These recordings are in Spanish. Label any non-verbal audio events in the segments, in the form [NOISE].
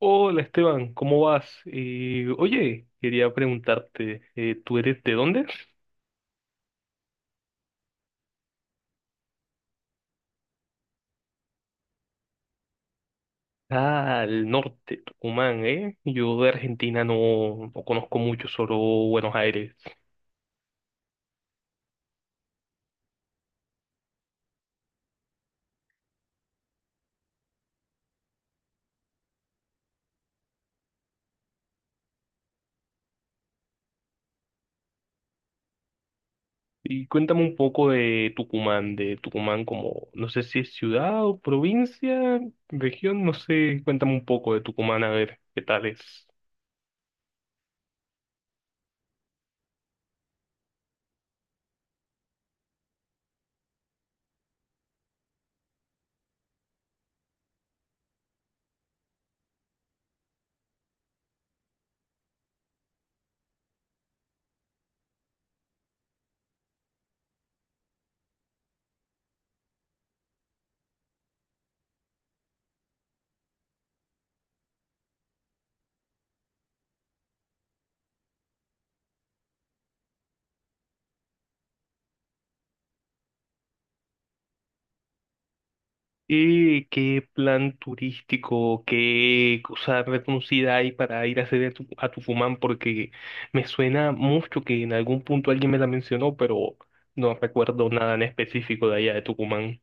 Hola Esteban, ¿cómo vas? Oye, quería preguntarte, ¿tú eres de dónde? Ah, al norte, Tucumán, ¿eh? Yo de Argentina no, no conozco mucho, solo Buenos Aires. Y cuéntame un poco de Tucumán como, no sé si es ciudad o provincia, región, no sé, cuéntame un poco de Tucumán, a ver, ¿qué tal es? ¿Y qué plan turístico, qué cosa reconocida hay para ir a hacer a Tucumán? Porque me suena mucho que en algún punto alguien me la mencionó, pero no recuerdo nada en específico de allá de Tucumán.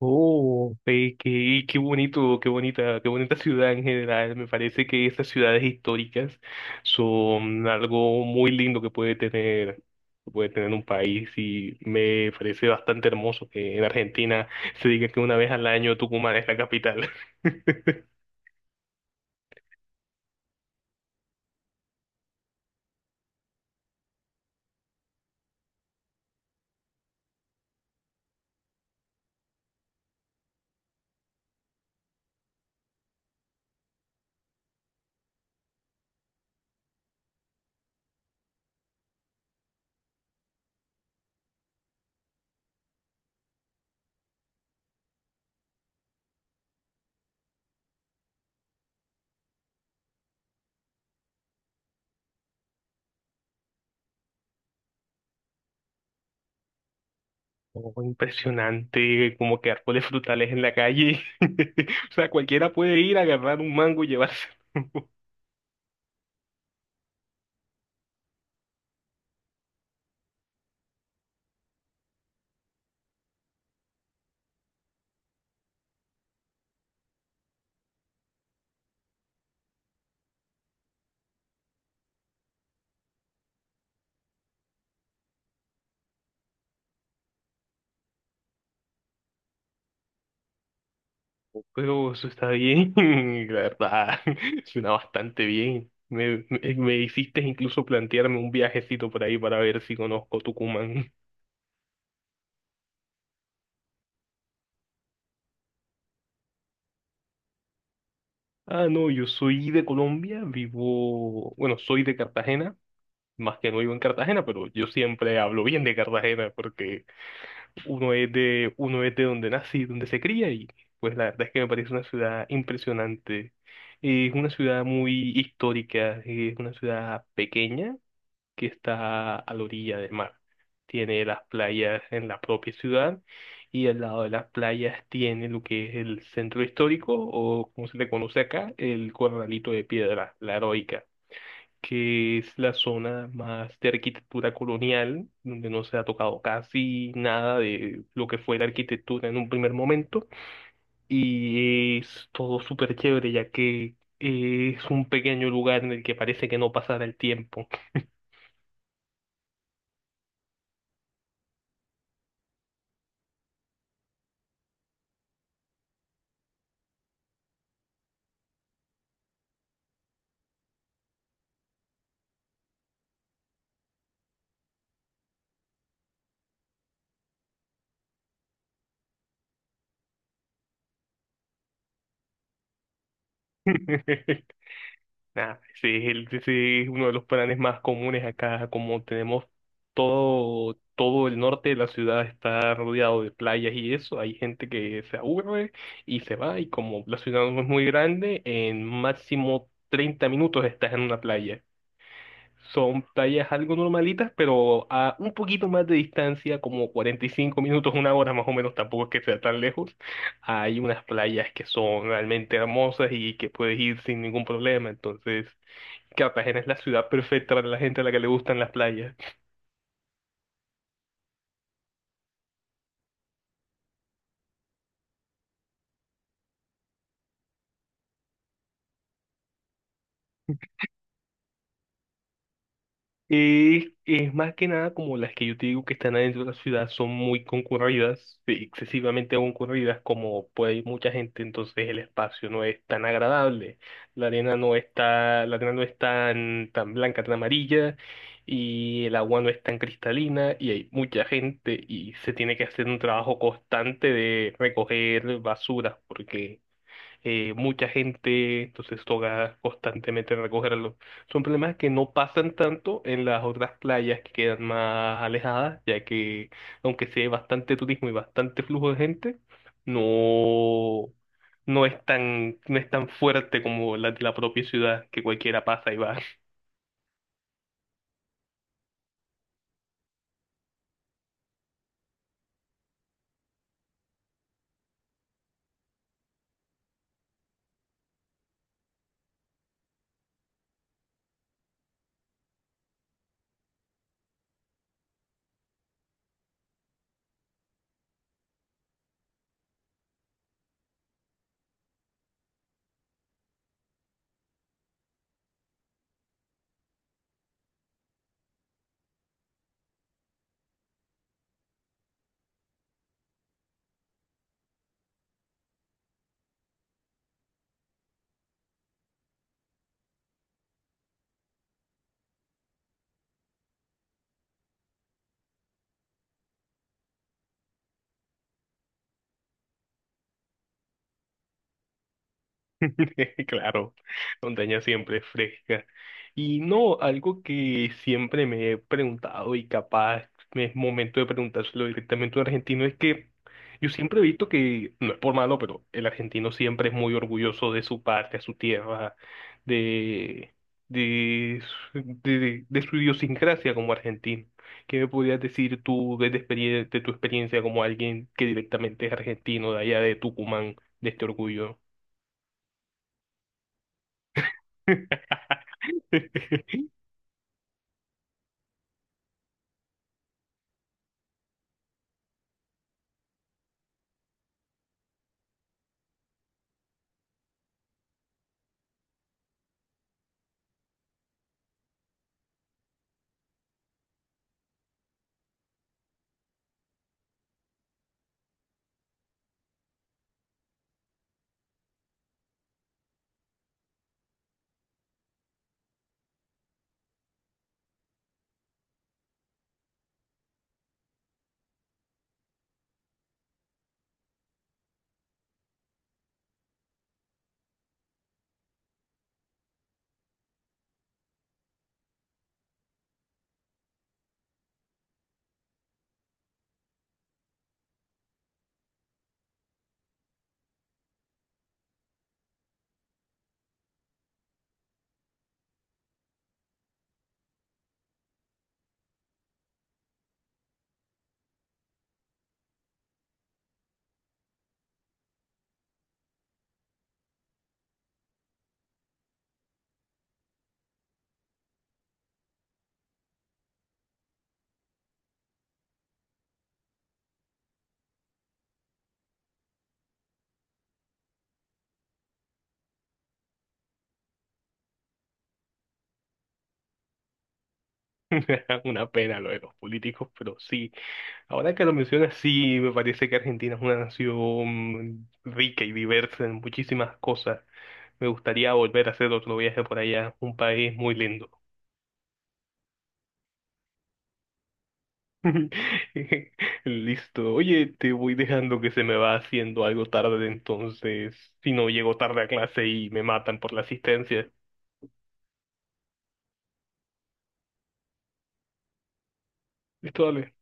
Oh, ve qué, qué bonito, qué bonita [LAUGHS] ciudad en general. Me parece que estas ciudades históricas son algo muy lindo que puede tener un país, y me parece bastante hermoso que en Argentina se diga que una vez al año Tucumán es la capital. [LAUGHS] Oh, impresionante, como que árboles frutales en la calle. [LAUGHS] O sea, cualquiera puede ir a agarrar un mango y llevárselo. [LAUGHS] Pero eso está bien, [LAUGHS] la verdad, [LAUGHS] suena bastante bien. Me hiciste incluso plantearme un viajecito por ahí para ver si conozco Tucumán. [LAUGHS] Ah, no, yo soy de Colombia, vivo, bueno, soy de Cartagena, más que no vivo en Cartagena, pero yo siempre hablo bien de Cartagena porque uno es de donde nace y donde se cría, y pues la verdad es que me parece una ciudad impresionante. Es una ciudad muy histórica, es una ciudad pequeña que está a la orilla del mar. Tiene las playas en la propia ciudad, y al lado de las playas tiene lo que es el centro histórico, o como se le conoce acá, el Corralito de Piedra, la Heroica, que es la zona más de arquitectura colonial, donde no se ha tocado casi nada de lo que fue la arquitectura en un primer momento. Y es todo súper chévere, ya que es un pequeño lugar en el que parece que no pasará el tiempo. [LAUGHS] Nah, ese es uno de los planes más comunes acá, como tenemos todo, todo el norte de la ciudad está rodeado de playas, y eso, hay gente que se aburre y se va, y como la ciudad no es muy grande, en máximo 30 minutos estás en una playa. Son playas algo normalitas, pero a un poquito más de distancia, como 45 minutos, una hora más o menos, tampoco es que sea tan lejos. Hay unas playas que son realmente hermosas y que puedes ir sin ningún problema, entonces, Cartagena es la ciudad perfecta para la gente a la que le gustan las playas. Y es más que nada como las que yo te digo que están adentro de la ciudad son muy concurridas, sí, excesivamente concurridas, como puede ir mucha gente, entonces el espacio no es tan agradable, la arena no es tan, tan blanca, tan amarilla, y el agua no es tan cristalina, y hay mucha gente, y se tiene que hacer un trabajo constante de recoger basura, porque mucha gente, entonces toca constantemente recogerlo. Son problemas que no pasan tanto en las otras playas que quedan más alejadas, ya que aunque sí hay bastante turismo y bastante flujo de gente, no, no es tan fuerte como la de la propia ciudad, que cualquiera pasa y va. [LAUGHS] Claro, montaña siempre es fresca. Y no, algo que siempre me he preguntado, y capaz me es momento de preguntárselo directamente a un argentino, es que yo siempre he visto que, no es por malo, pero el argentino siempre es muy orgulloso de su patria, su tierra, de, de, de su idiosincrasia como argentino. ¿Qué me podrías decir tú desde de tu experiencia como alguien que directamente es argentino de allá de Tucumán, de este orgullo? [LAUGHS] [LAUGHS] Una pena lo de los políticos, pero sí. Ahora que lo mencionas, sí, me parece que Argentina es una nación rica y diversa en muchísimas cosas. Me gustaría volver a hacer otro viaje por allá, un país muy lindo. [LAUGHS] Listo. Oye, te voy dejando, que se me va haciendo algo tarde, entonces, si no, llego tarde a clase y me matan por la asistencia. Listo, dale.